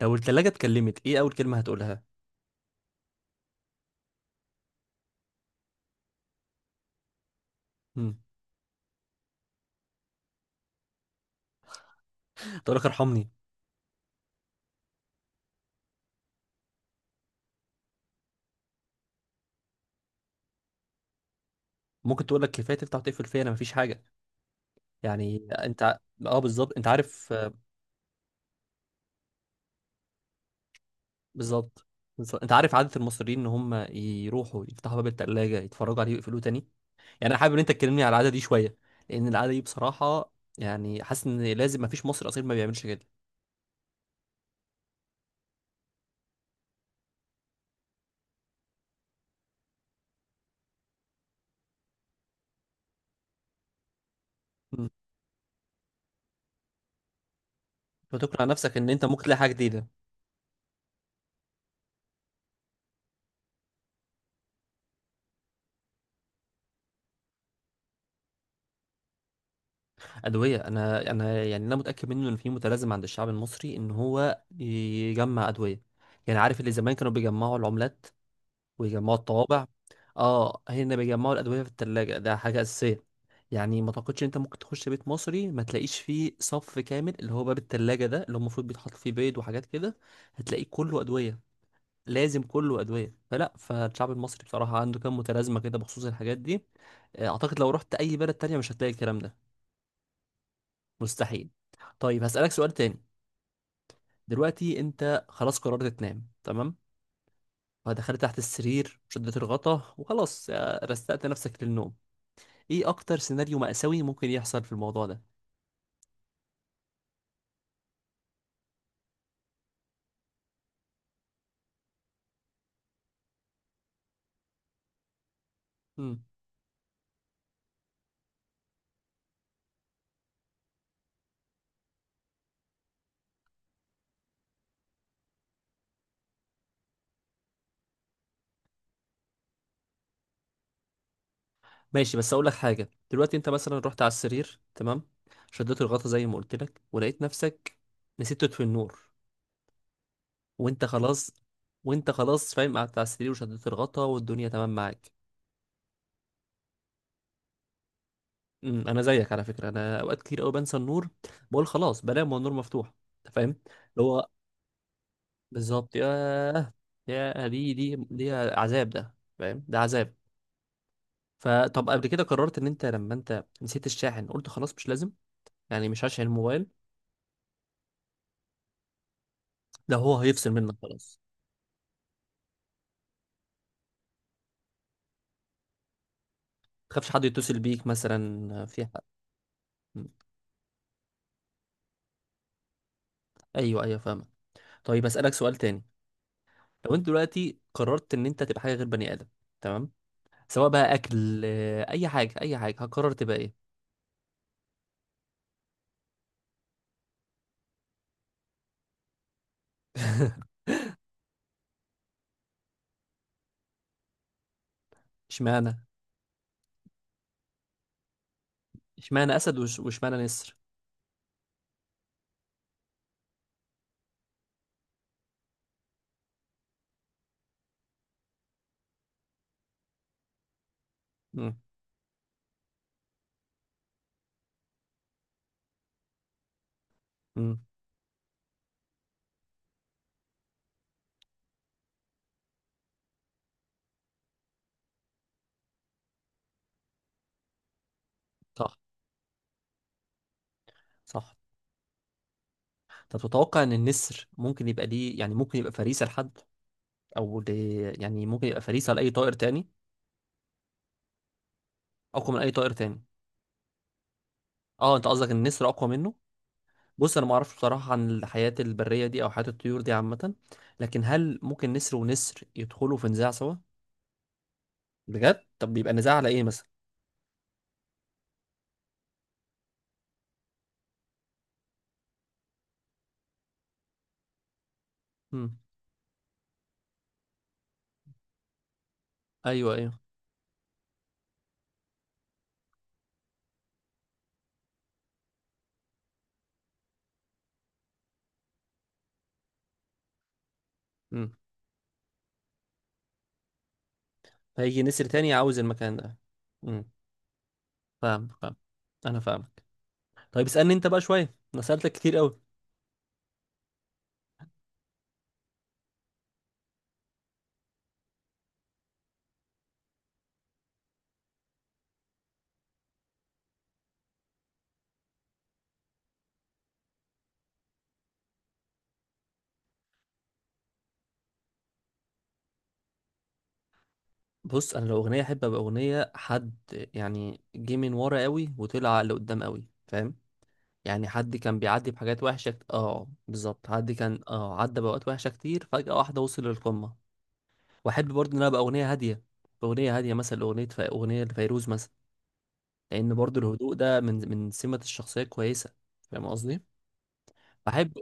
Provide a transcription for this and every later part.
لو التلاجة اتكلمت ايه أول كلمة هتقولها؟ مم. تقول لك ارحمني. ممكن تقول لك كفاية تفتح وتقفل فيا أنا مفيش حاجة. يعني أنت ع- اه، بالظبط أنت عارف. بالظبط، بالظبط. أنت عارف عادة المصريين إن هم يروحوا يفتحوا باب التلاجة يتفرجوا عليه ويقفلوه تاني. يعني أنا حابب إن أنت تكلمني على العادة دي شوية، لأن العادة دي بصراحة يعني حاسس إن لازم مفيش مصري أصيل ما بيعملش كده. مم. فتقنع نفسك إن أنت ممكن تلاقي حاجة جديدة. أدوية، أنا يعني أنا متأكد منه إن في متلازمة عند الشعب المصري إن هو يجمع أدوية. يعني عارف اللي زمان كانوا بيجمعوا العملات ويجمعوا الطوابع. آه، هنا بيجمعوا الأدوية في التلاجة، ده حاجة أساسية. يعني ما تعتقدش إن أنت ممكن تخش بيت مصري ما تلاقيش فيه صف كامل اللي هو باب التلاجة، ده اللي هو المفروض بيتحط فيه بيض وحاجات كده. هتلاقيه كله أدوية. لازم كله أدوية. فالشعب المصري بصراحة عنده كام متلازمة كده بخصوص الحاجات دي. أعتقد لو رحت أي بلد تانية مش هتلاقي الكلام ده. مستحيل. طيب هسألك سؤال تاني. دلوقتي انت خلاص قررت تنام، تمام؟ فدخلت تحت السرير، شدت الغطا وخلاص، رستقت نفسك للنوم. ايه اكتر سيناريو مأساوي ممكن يحصل في الموضوع ده؟ مم. ماشي، بس اقول لك حاجة. دلوقتي انت مثلا رحت على السرير، تمام، شدت الغطا زي ما قلت لك ولقيت نفسك نسيت تطفي النور وانت خلاص وانت خلاص فاهم، قعدت على السرير وشدت الغطا والدنيا تمام معاك. انا زيك على فكره، انا اوقات كتير قوي بنسى النور. بقول خلاص بنام والنور مفتوح، انت فاهم اللي هو. بالظبط، ياه. يا دي عذاب، ده فاهم، ده عذاب. فطب قبل كده قررت ان انت لما انت نسيت الشاحن قلت خلاص مش لازم، يعني مش هشحن الموبايل. ده هو هيفصل منك خلاص. ما تخافش حد يتصل بيك مثلا في حق؟ أمم، ايوه، ايوه، فاهمك. طيب اسالك سؤال تاني. لو انت دلوقتي قررت ان انت تبقى حاجه غير بني ادم، تمام، سواء بقى اكل، اي حاجه، اي حاجه، هتقرر تبقى ايه؟ اشمعنى؟ اشمعنى اسد واشمعنى نسر؟ امم. امم. صح، صح. طب تتوقع ان النسر ممكن يبقى ليه، يعني ممكن يبقى فريسه لحد، او ل... يعني ممكن يبقى فريسه لاي طائر تاني؟ اقوى من اي طائر تاني؟ اه، انت قصدك النسر اقوى منه. بص انا ما اعرفش بصراحه عن الحياه البريه دي او حياه الطيور دي عامه، لكن هل ممكن نسر ونسر يدخلوا في نزاع سوا؟ بجد؟ طب بيبقى نزاع على ايه مثلا؟ امم. ايوه، ايوه. امم. هيجي نسر تاني عاوز المكان ده. امم. فاهم، فاهم. انا فاهم. طيب اسألني انت بقى شوية، انا سألتك كتير قوي. بص انا لو اغنية احب ابقى اغنية حد، يعني جه من ورا قوي وطلع لقدام قوي، فاهم؟ يعني حد كان بيعدي بحاجات وحشة اه بالظبط، حد كان عدى بأوقات وحشة كتير، فجأة واحدة وصل للقمة. واحب برضه ان انا ابقى اغنية هادية، اغنية هادية مثلا، اغنية اغنية لفيروز مثلا، لان برضه الهدوء ده من سمة الشخصية كويسة، فاهم قصدي؟ بحب.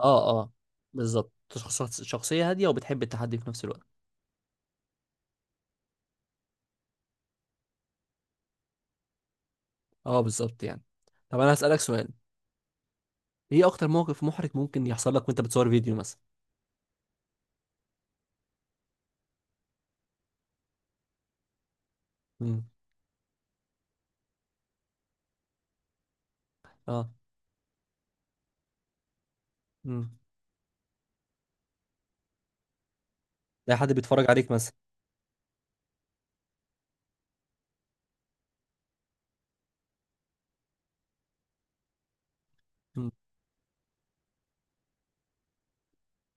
اه، اه، بالظبط، شخصية هادية وبتحب التحدي في نفس الوقت. اه بالظبط، يعني. طب انا هسألك سؤال. ايه اكتر موقف محرج ممكن يحصل لك وانت بتصور فيديو مثلا؟ امم. اه. امم. لاقي حد بيتفرج عليك مثلا. امم.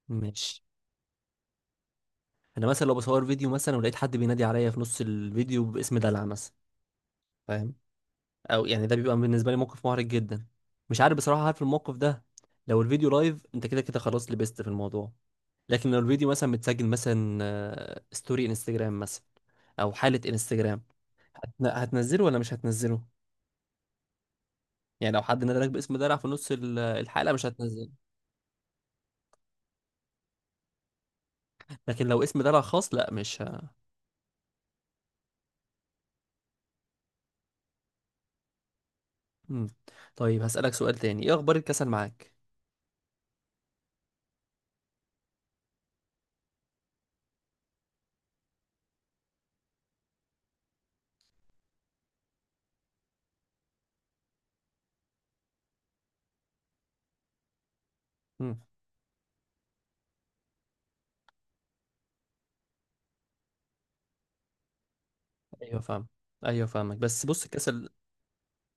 ماشي. انا مثلا لو بصور فيديو مثلا ولقيت حد بينادي عليا في نص الفيديو باسم دلع مثلا، فاهم؟ او يعني ده بيبقى بالنسبه لي موقف محرج جدا. مش عارف بصراحه، عارف الموقف ده؟ لو الفيديو لايف انت كده كده خلاص لبست في الموضوع، لكن لو الفيديو مثلا متسجل مثلا، ستوري انستجرام مثلا او حاله انستجرام، هتنزله ولا مش هتنزله؟ يعني لو حد نادى لك باسم دلع في نص الحلقه مش هتنزله. لكن لو اسم دلع خاص لا مش ه... مم. طيب هسألك سؤال تاني. ايه اخبار الكسل معاك؟ مم. ايوه، فاهم. ايوه، فاهمك. بس بص الكسل.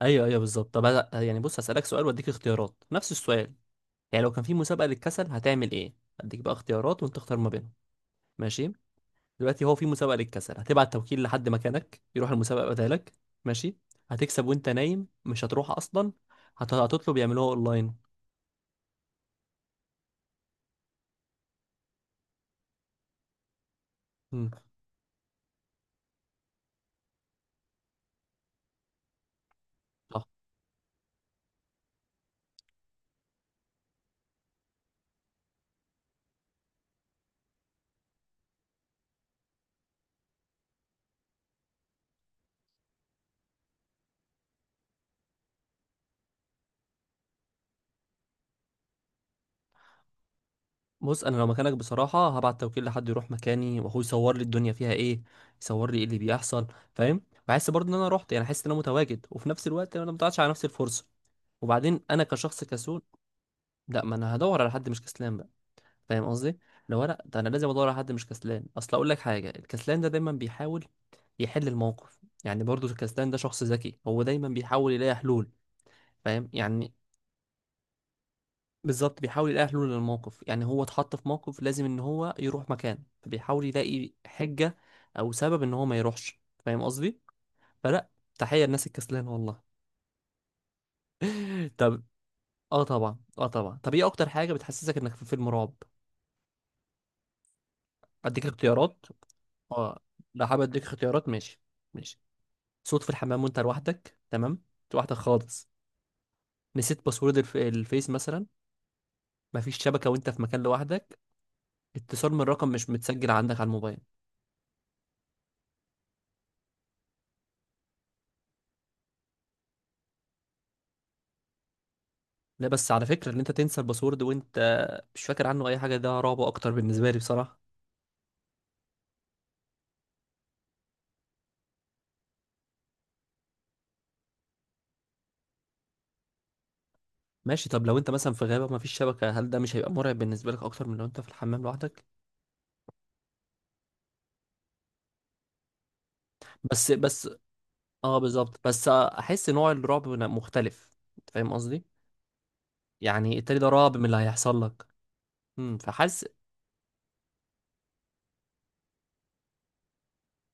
ايوه، ايوه، بالظبط. طب يعني بص هسألك سؤال واديك اختيارات نفس السؤال، يعني لو كان في مسابقة للكسل هتعمل ايه؟ اديك بقى اختيارات وانت تختار ما بينهم. ماشي. دلوقتي هو في مسابقة للكسل هتبعت توكيل لحد مكانك يروح المسابقة بدالك؟ ماشي. هتكسب وانت نايم، مش هتروح اصلا. هتطلب يعملوها اونلاين؟ مم. صح. بص انا لو مكانك بصراحه هبعت توكيل لحد يروح مكاني واخوه يصور لي الدنيا فيها ايه، يصور لي ايه اللي بيحصل، فاهم؟ بحس برضه ان انا رحت، يعني احس ان انا متواجد، وفي نفس الوقت انا ما ضيعتش على نفسي الفرصه. وبعدين انا كشخص كسول، لا، ما انا هدور على حد مش كسلان بقى، فاهم قصدي؟ لو لا، ده انا لازم ادور على حد مش كسلان. اصل اقول لك حاجه، الكسلان ده دايما بيحاول يحل الموقف، يعني برضه الكسلان ده شخص ذكي، هو دايما بيحاول يلاقي حلول، فاهم يعني؟ بالظبط، بيحاول يلاقي حلول للموقف، يعني هو اتحط في موقف لازم ان هو يروح مكان فبيحاول يلاقي حجة او سبب ان هو ما يروحش، فاهم قصدي؟ فلا تحية للناس الكسلانة والله. طب، اه طبعا، اه طبعا. طب ايه اكتر حاجة بتحسسك انك في فيلم رعب؟ اديك اختيارات. اه. لا، حابب اديك اختيارات، ماشي. ماشي. صوت في الحمام وانت لوحدك، تمام، انت لوحدك خالص. نسيت باسورد الفيس مثلا. مفيش شبكة وانت في مكان لوحدك. اتصال من رقم مش متسجل عندك على الموبايل. لا، بس على فكرة ان انت تنسى الباسورد وانت مش فاكر عنه اي حاجة، ده رعب اكتر بالنسبة لي بصراحة. ماشي. طب لو انت مثلا في غابة ما فيش شبكة، هل ده مش هيبقى مرعب بالنسبة لك اكتر من لو انت في الحمام لوحدك؟ بس، بس. اه، بالظبط، بس احس نوع الرعب هنا مختلف، انت فاهم قصدي؟ يعني التاني ده رعب من اللي هيحصل لك. فحاسس.